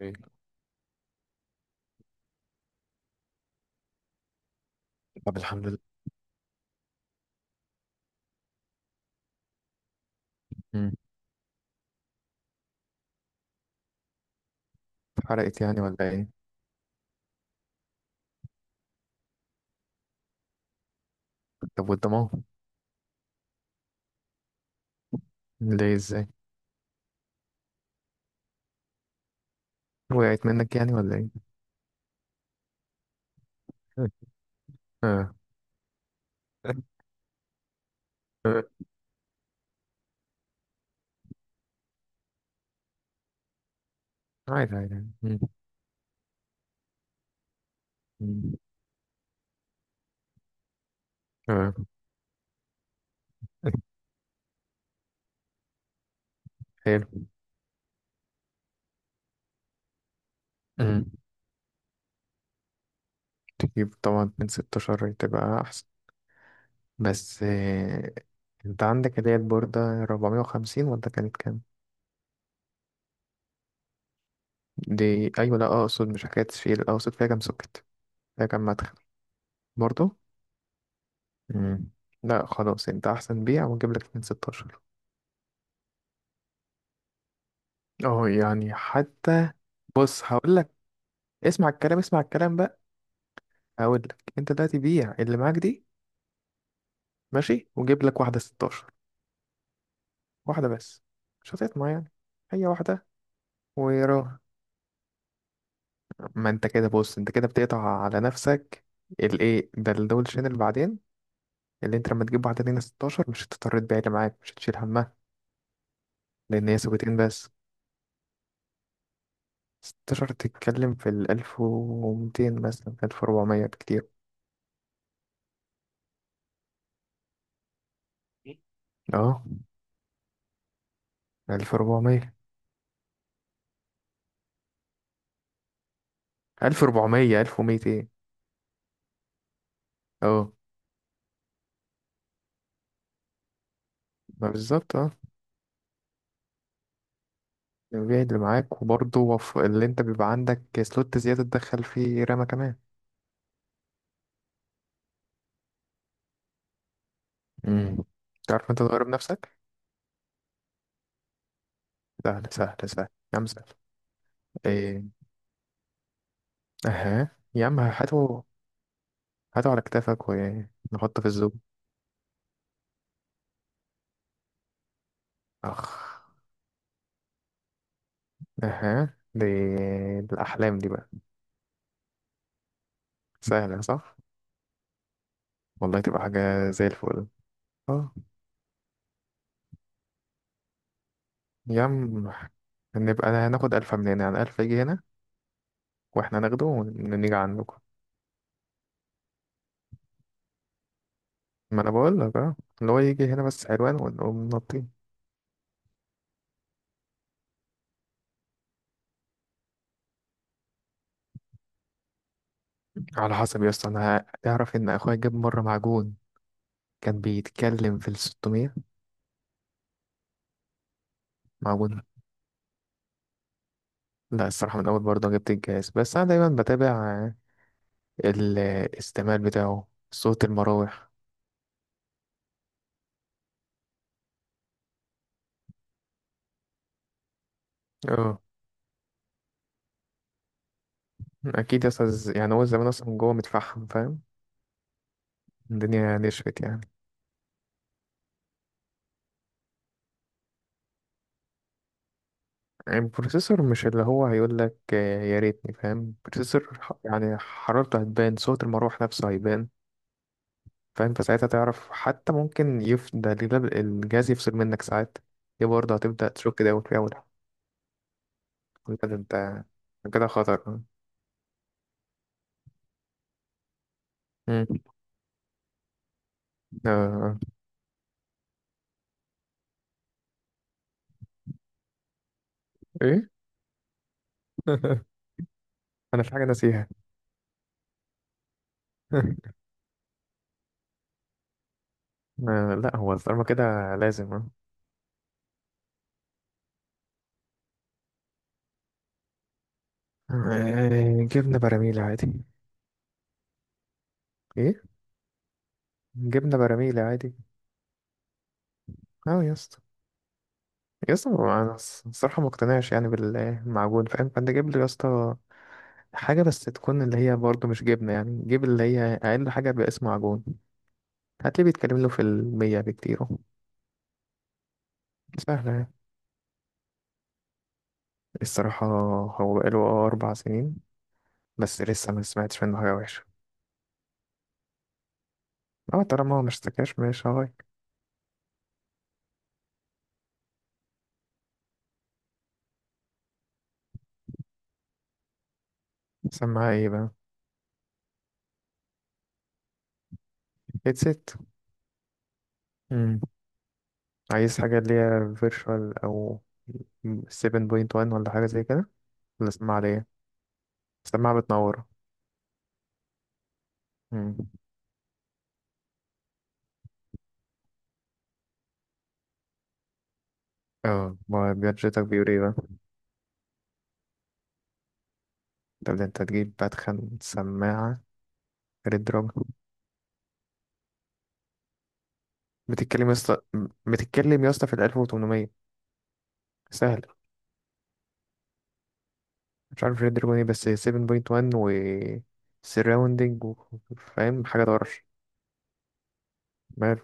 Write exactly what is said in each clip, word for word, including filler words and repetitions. إيه. طب، الحمد لله. مم. اتحرقت يعني ولا ايه؟ طب والضمان؟ ليه؟ ازاي؟ وقعت منك يعني ولا ايه؟ اه. اه. عادي، عادي. مم. مم. اه. حلو. مم. تجيب طبعا من ستاشر تبقى احسن. بس آه، انت عندك اللي هي البوردة أربعمية وخمسين ولا كانت كام؟ دي ايوه، لا اقصد مش حكاية تشيل، اقصد فيها كام سوكت؟ فيها كام مدخل؟ برضو. مم. لا خلاص، انت احسن بيع واجيب لك من ستة عشر. اه، يعني حتى بص هقول لك. اسمع الكلام، اسمع الكلام بقى. هقول لك انت دلوقتي بيع اللي معاك دي، ماشي، وجيب لك واحده ستاشر. واحده بس. مش هتطمع يعني، هي واحده. ويراها، ما انت كده بص، انت كده بتقطع على نفسك. الايه ده الدولشين اللي بعدين، اللي انت لما تجيب واحده لينا ستة عشر مش هتضطر تبيع اللي معاك، مش هتشيل همها. لان هي سويتين بس. ستاشر تتكلم في ال ألف ومتين مثلا، ألف وأربعمية بكتير. اه. ألف وأربعمية. ألف وأربعمائة ألف ومئتين. اه، ما بالظبط أه. جاهد اللي معاك، وبرضه وف- اللي انت بيبقى عندك سلوت زيادة تدخل فيه رامة كمان. امم. تعرف انت تغير بنفسك؟ سهل، سهل، سهل. يا عم سهل. ايه. اها يا عم هاته. هاته على كتافك ونحطه في الزوم. اخ. اها دي. الأحلام دي بقى. سهلة صح؟ والله تبقى حاجة زي الفل. اه يا عم. نبقى هناخد ألفة من هنا، يعني ألف يجي هنا واحنا ناخده ونيجي عندكم. ما انا بقول لك اه اللي هو يجي هنا بس حلوان ونقوم نطين. على حسب يا اسطى، انا تعرف ان اخويا جاب مره معجون كان بيتكلم في ال ستمية. معجون. لا الصراحه من اول برضه جبت الجهاز، بس انا دايما بتابع الاستعمال بتاعه، صوت المراوح. اه. اكيد يا اسطى، ز- يعني هو زمان اصلا جوه متفحم، فاهم. الدنيا نشفت يعني. يعني البروسيسور مش اللي هو هيقول لك آه، يا ريتني، فاهم. البروسيسور ح- يعني حرارته هتبان، صوت المراوح نفسه هيبان. فاهم، فساعتها تعرف، حتى ممكن يف ده ليه- ده الجهاز يفصل منك ساعات. دي برضه هتبدأ تشك داون في أول حاجة، كده وتقول يا ولد انت كده خطر. مم. آه. ايه. انا في حاجة ناسيها. آه. لا هو طالما كده لازم اه. آه، جبنة براميل عادي. ايه. جبنة براميل عادي. اه يا اسطى. يا اسطى، ما- انا الص- الصراحة ما اقتنعش يعني بالمعجون، فاهم. فانت جيب لي يا اسطى حاجة بس تكون اللي هي برضه مش جبنة، يعني جيب اللي هي اقل حاجة باسم معجون، هتلاقيه بيتكلم له في المية بكتير أهو. سهلة يعني. الصراحة هو بقاله اه أربع سنين، بس لسه ما سمعتش منه حاجة وحشة. أه، طالما هو ما اشتكاش مش هغير. سماعة ايه بقى؟ هيدسيت. مم. عايز حاجة اللي هي فيرشوال، أو سبعة واحد ولا حاجة زي كده؟ ولا سماعة ليه؟ سماعة بتنور. مم. اه، ما بيرجيتك بيقول ايه بقى؟ طب ده انت تجيب بدخن سماعة ريد دروج. بتتكلم يا اسطى. بتتكلم يا اسطى في ال ألف وتمنمية. سهل. مش عارف ريد دراجون ايه، بس سبعة واحد و سراوندينج و... فاهم حاجة طرش. مال.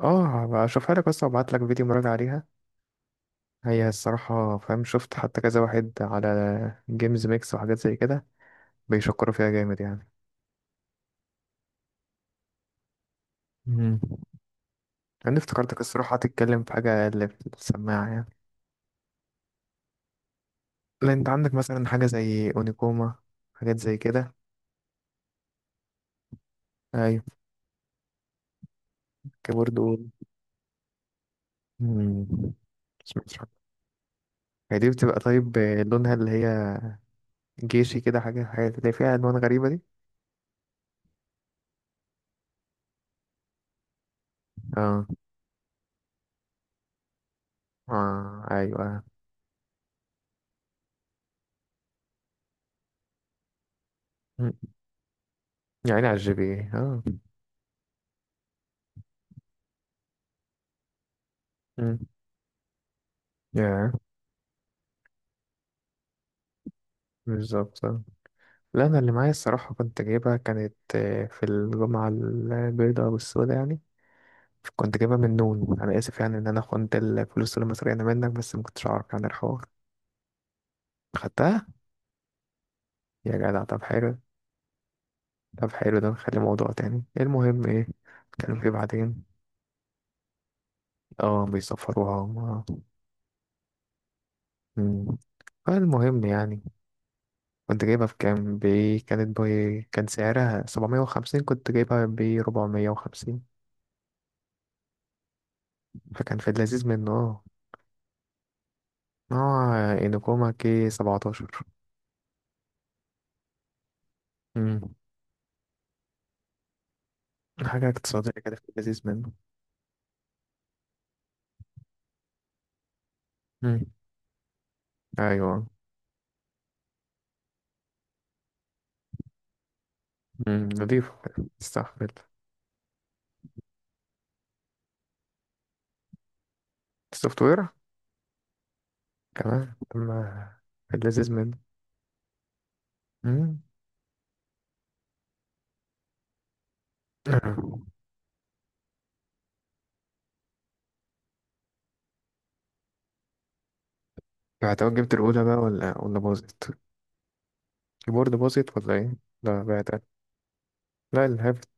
اه هبقى اشوفها لك بس، وابعت لك فيديو مراجعة عليها. هي الصراحة، فاهم، شفت حتى كذا واحد على جيمز ميكس وحاجات زي كده بيشكروا فيها جامد يعني. مم. انا افتكرتك الصراحة هتتكلم في حاجة اللي في السماعة يعني. لا، انت عندك مثلا حاجة زي اونيكوما. حاجات زي كده. ايوه. كيبورد و. مم. سمعتش عنها. هي دي بتبقى طيب لونها اللي هي جيشي كده، حاجة حاجة اللي فيها عنوان غريبة دي. اه، اه، ايوه. مم. يعني على الجي بي إيه. اه. مم. يا بالظبط آه. لا انا اللي معايا الصراحة كنت جايبها، كانت آه، في الجمعة البيضاء والسوداء يعني، كنت جايبها من نون. انا اسف يعني ان انا خنت الفلوس اللي مسرقينها منك، بس ما كنتش اعرف عن الحوار. خدتها. يا جدع طب حلو. طب حلو، ده نخلي موضوع تاني المهم، ايه نتكلم فيه بعدين. اه بيسفروها هم. اه. مم. فالمهم يعني كنت جايبها بكام ب، كانت ب، كان سعرها سبعمية وخمسين، كنت جايبها ب أربعمية وخمسين. فكان في اللذيذ منه اه، نوع انوكوما كي سبعة عشر. امم. حاجة اقتصادية كده في اللذيذ منه. امم. ايوه. امم نضيف. استحمل. السوفت وير كمان اما في اللذيذ منه. امم. بعتها جبت الأولى بقى، ولا ولا باظت. الكيبورد باظت ولا ايه؟ لا بعتها. لا الهبت.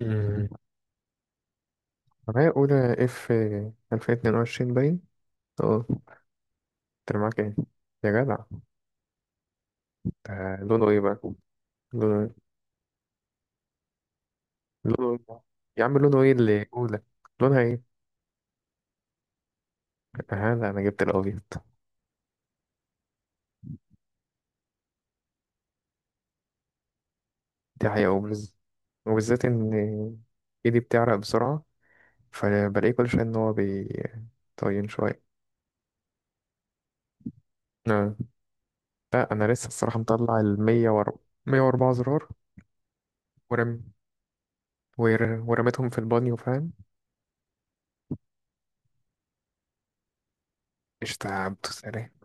مم. معايا أولى اف ألفين واتنين وعشرين باين. اه. انت معاك ايه؟ يا جدع. ده لونه ايه بقى؟ لونه ايه؟ لونه ايه؟ يا عم لونه ايه اللي اولى؟ لونها ايه؟ ها لا انا جبت الابيض. دي حقيقة وبز... وبالذات ان ايدي بتعرق بسرعة، فبلاقيه كل شوية ان هو بيطين شوية. آه. لا انا لسه الصراحة مطلع ال مية وأربعة. مية وأربعة زرار. ورم. ور- ورميتهم في البانيو، فاهم. قشطة يا عبدو، سلام.